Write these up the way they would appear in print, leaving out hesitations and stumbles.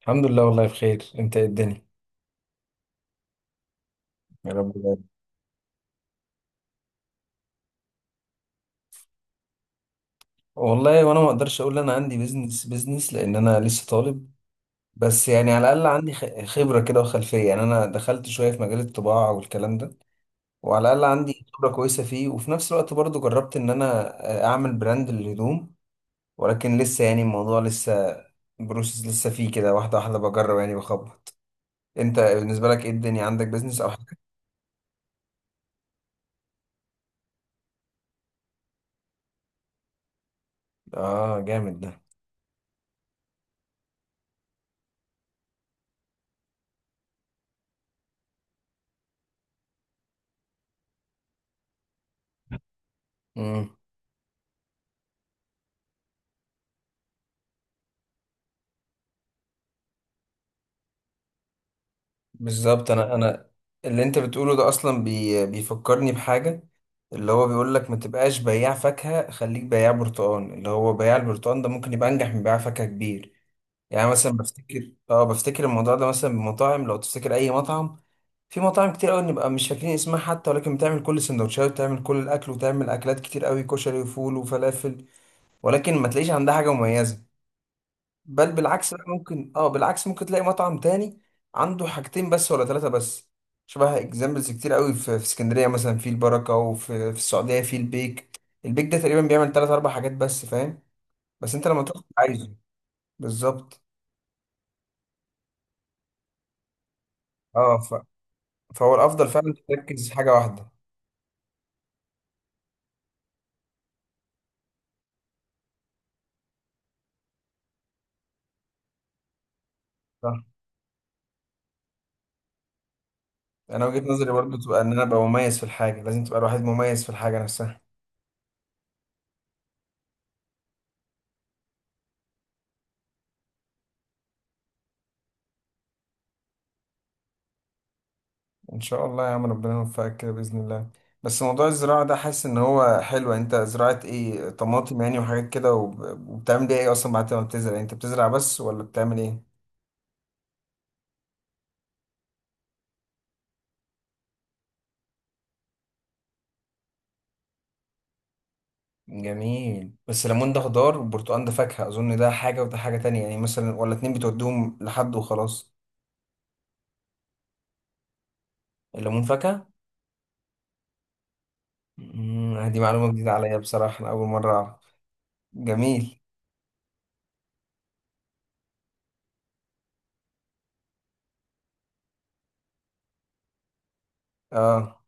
الحمد لله، والله بخير. انت ايه الدنيا؟ يا رب دايما. والله وانا ما اقدرش اقول انا عندي بيزنس، لان انا لسه طالب. بس يعني على الاقل عندي خبره كده وخلفيه، يعني انا دخلت شويه في مجال الطباعه والكلام ده، وعلى الاقل عندي خبره كويسه فيه، وفي نفس الوقت برضو جربت ان انا اعمل براند للهدوم. ولكن لسه يعني الموضوع لسه بروسس، لسه فيه كده واحده واحده بجرب، يعني بخبط. انت بالنسبه لك ايه الدنيا؟ عندك بيزنس او حاجه؟ اه، جامد. ده بالظبط انا اللي انت بتقوله ده، اصلا بيفكرني بحاجه، اللي هو بيقول لك ما تبقاش بياع فاكهه، خليك بياع برتقان. اللي هو بياع البرتقان ده ممكن يبقى انجح من بياع فاكهه كبير. يعني مثلا بفتكر، بفتكر الموضوع ده مثلا بمطاعم. لو تفتكر اي مطعم، في مطاعم كتير قوي نبقى مش فاكرين اسمها حتى، ولكن بتعمل كل السندوتشات وتعمل كل الاكل وتعمل اكلات كتير قوي، كشري وفول وفلافل، ولكن ما تلاقيش عندها حاجه مميزه. بل بالعكس بقى، ممكن بالعكس ممكن تلاقي مطعم تاني عنده حاجتين بس ولا ثلاثة بس. شبه اكزامبلز كتير قوي في اسكندرية، مثلا في البركة، وفي السعودية في البيك. البيك ده تقريبا بيعمل ثلاث اربع حاجات بس، فاهم؟ بس انت لما تروح عايزه. بالظبط. اه ف... فهو الافضل فعلا تركز في حاجة واحدة. صح، انا وجهة نظري برضو تبقى ان انا ابقى مميز في الحاجة. لازم تبقى الواحد مميز في الحاجة نفسها. ان شاء الله يا عم، ربنا يوفقك كده باذن الله. بس موضوع الزراعه ده حاسس ان هو حلو. انت زراعه ايه؟ طماطم يعني وحاجات كده؟ وبتعمل بيها ايه اصلا بعد ما بتزرع؟ يعني انت بتزرع بس ولا بتعمل ايه؟ جميل. بس ليمون ده خضار والبرتقال ده فاكهه اظن. ده حاجه وده حاجه تانية يعني، مثلا؟ ولا اتنين بتوديهم لحد وخلاص؟ الليمون فاكهه؟ دي معلومه جديده عليا بصراحه، انا اول مره اعرف. جميل. اه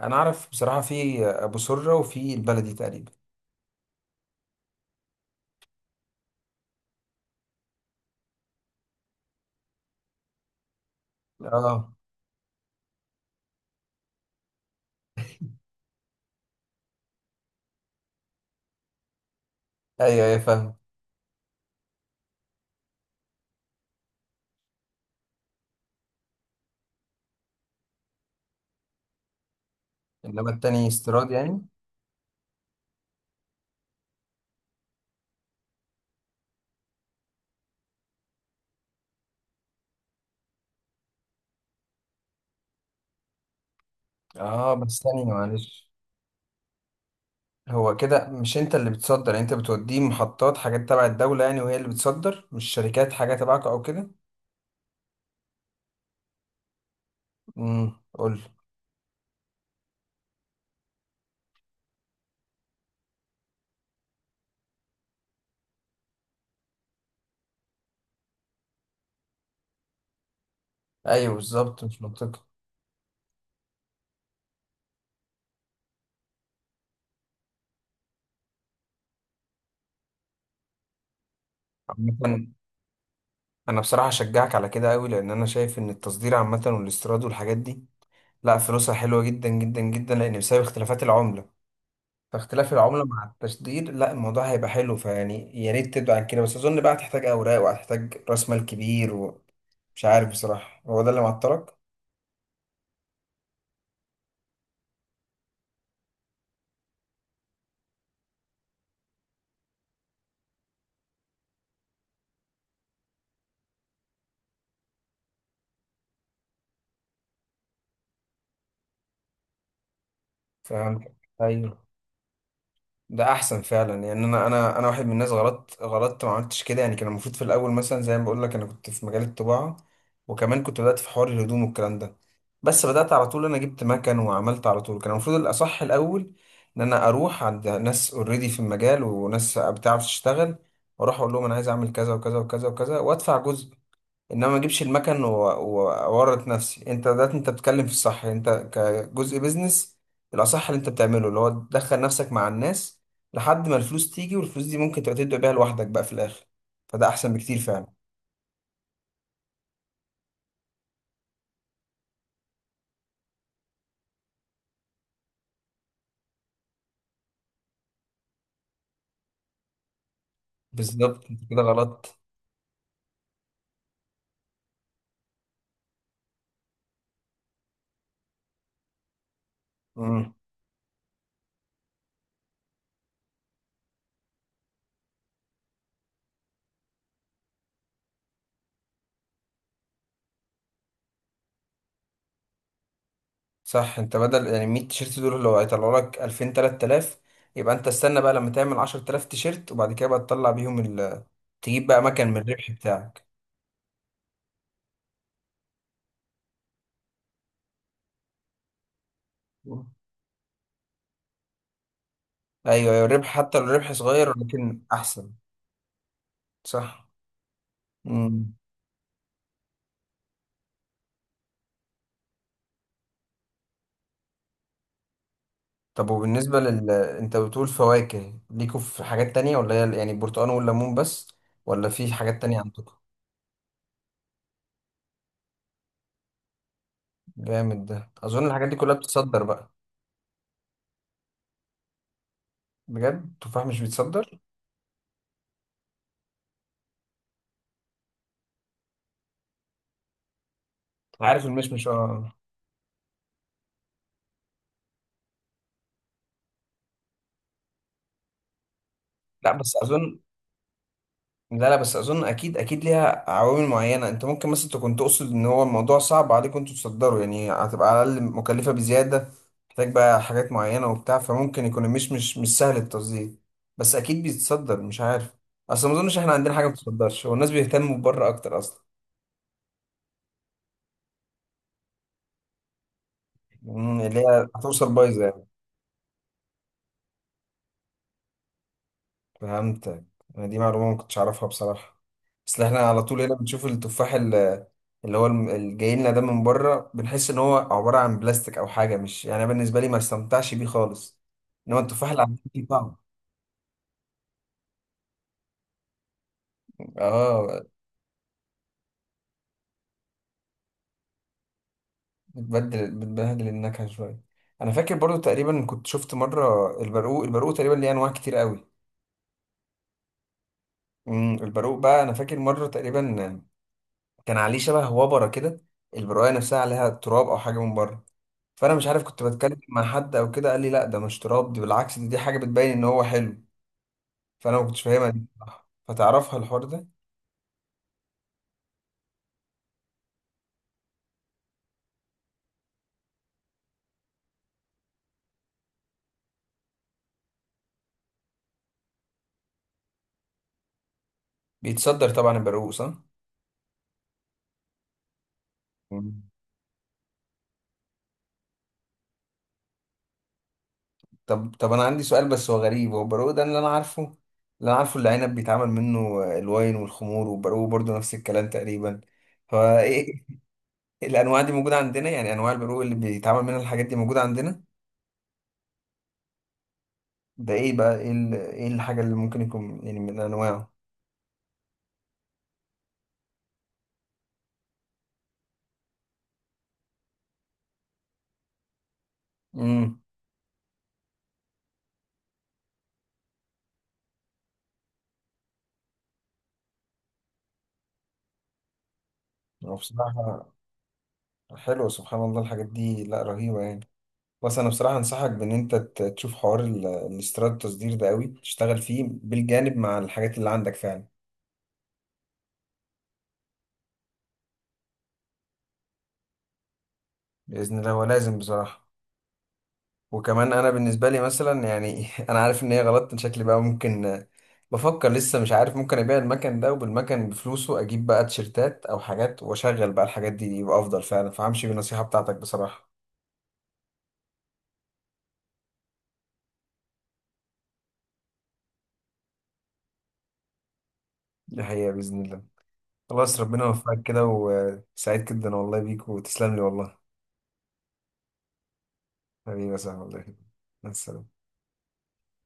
انا اعرف بصراحه في ابو سره وفي البلدي تقريبا. اه ايوه، ايوه، فاهم. انما التاني استيراد يعني؟ اه بس ثانية معلش. هو كده مش انت اللي بتصدر يعني؟ انت بتوديه محطات حاجات تبع الدولة يعني، وهي اللي بتصدر، مش شركات حاجة تبعك او كده؟ قول لي. ايوه بالظبط، مش منطقي. عامة، انا بصراحة اشجعك على كده قوي، لان انا شايف ان التصدير عامة والاستيراد والحاجات دي، لا، فلوسها حلوة جدا جدا جدا، لان بسبب اختلافات العملة. فاختلاف العملة مع التصدير، لا، الموضوع هيبقى حلو، فيعني يا ريت تبدأ عن كده. بس اظن بقى هتحتاج اوراق وهتحتاج راس مال كبير. مش عارف بصراحة، هو ده اللي معطلك؟ فهمت، ايوه. ده احسن فعلا، يعني انا واحد من الناس غلطت، ما عملتش كده يعني. كان المفروض في الاول مثلا، زي ما بقول لك، انا كنت في مجال الطباعه، وكمان كنت بدات في حوار الهدوم والكلام ده، بس بدات على طول. انا جبت مكن وعملت على طول. كان المفروض الاصح الاول ان انا اروح عند ناس اوريدي في المجال وناس بتعرف تشتغل، واروح اقول لهم انا عايز اعمل كذا وكذا وكذا وكذا وادفع جزء، انما ما اجيبش المكن واورط نفسي. انت بتتكلم في الصح. انت كجزء بيزنس الاصح اللي انت بتعمله اللي هو تدخل نفسك مع الناس لحد ما الفلوس تيجي، والفلوس دي ممكن تبقى تبدأ بيها لوحدك بقى في الاخر. فده احسن بكتير فعلا. بالظبط، انت كده غلط. امم صح، انت بدل يعني 100 تيشيرت دول لو هيطلعوا لك 2000 3000، يبقى انت استنى بقى لما تعمل 10000 تيشيرت، وبعد كده بقى تطلع بيهم تجيب بقى مكن من الربح بتاعك. ايوه، ايوه، الربح حتى لو الربح صغير لكن احسن. صح. مم. طب وبالنسبة لل، انت بتقول فواكه ليكوا، في حاجات تانية ولا هي يعني البرتقال والليمون بس؟ ولا في حاجات تانية عندكم؟ جامد، ده اظن الحاجات دي كلها بتصدر بقى. بجد؟ التفاح مش بيتصدر؟ عارف، المشمش اه. لا بس اظن. لا، لا، بس اظن اكيد، اكيد ليها عوامل معينه. انت ممكن مثلا تكون تقصد ان هو الموضوع صعب عليكم انتوا تصدروا، يعني هتبقى على الاقل مكلفه بزياده، محتاج بقى حاجات معينه وبتاع، فممكن يكون مش سهل التصدير، بس اكيد بيتصدر مش عارف. اصل ما اظنش احنا عندنا حاجه ما بتتصدرش، هو الناس بيهتموا بره اكتر اصلا. اللي هي هتوصل بايظه يعني. فهمتك. أنا دي معلومة ما كنتش أعرفها بصراحة، بس إحنا على طول هنا بنشوف التفاح اللي هو اللي جاي لنا ده من بره، بنحس إن هو عبارة عن بلاستيك أو حاجة. مش يعني، أنا بالنسبة لي ما استمتعش بيه خالص. إنما التفاح اللي عندنا ليه طعم. آه. بتبدل بتبهدل النكهة شوية. أنا فاكر برضو تقريبا كنت شفت مرة البرقوق. تقريبا ليه أنواع كتير قوي. البرقوق بقى، أنا فاكر مرة تقريبا كان عليه شبه وبرة كده، البرقوقة نفسها عليها تراب أو حاجة من بره، فانا مش عارف. كنت بتكلم مع حد او كده قال لي لا ده مش تراب، دي بالعكس، دي حاجه بتبين ان هو حلو. فانا ما كنتش فاهمها دي بصراحه، فتعرفها الحوار ده. بيتصدر طبعا البرقوق صح؟ مم. طب انا عندي سؤال بس هو غريب. هو البرقوق ده اللي انا عارفه، اللي عنب بيتعمل منه الواين والخمور، والبرقوق برضو نفس الكلام تقريبا، فايه؟ الانواع دي موجوده عندنا يعني؟ انواع البرقوق اللي بيتعمل منها الحاجات دي موجوده عندنا؟ ده ايه بقى؟ ايه الحاجه اللي ممكن يكون يعني من انواعه؟ امم هو بصراحه حلو، سبحان الله الحاجات دي، لا رهيبة يعني. بس أنا بصراحة أنصحك بإن أنت تشوف حوار الاستيراد التصدير ده قوي، تشتغل فيه بالجانب مع الحاجات اللي عندك فعلا. بإذن الله هو لازم بصراحة. وكمان أنا بالنسبة لي مثلا يعني أنا عارف إن هي غلط، إن شكلي بقى ممكن، بفكر لسه مش عارف. ممكن أبيع المكن ده وبالمكن بفلوسه أجيب بقى تيشرتات أو حاجات وأشغل بقى الحاجات دي، يبقى أفضل فعلا، فهمشي بالنصيحة بتاعتك بصراحة. دي حقيقة بإذن الله. خلاص، ربنا يوفقك كده، وسعيد جدا والله بيك، وتسلم لي والله. حبيبي يا صاحبي والله. مع السلامة.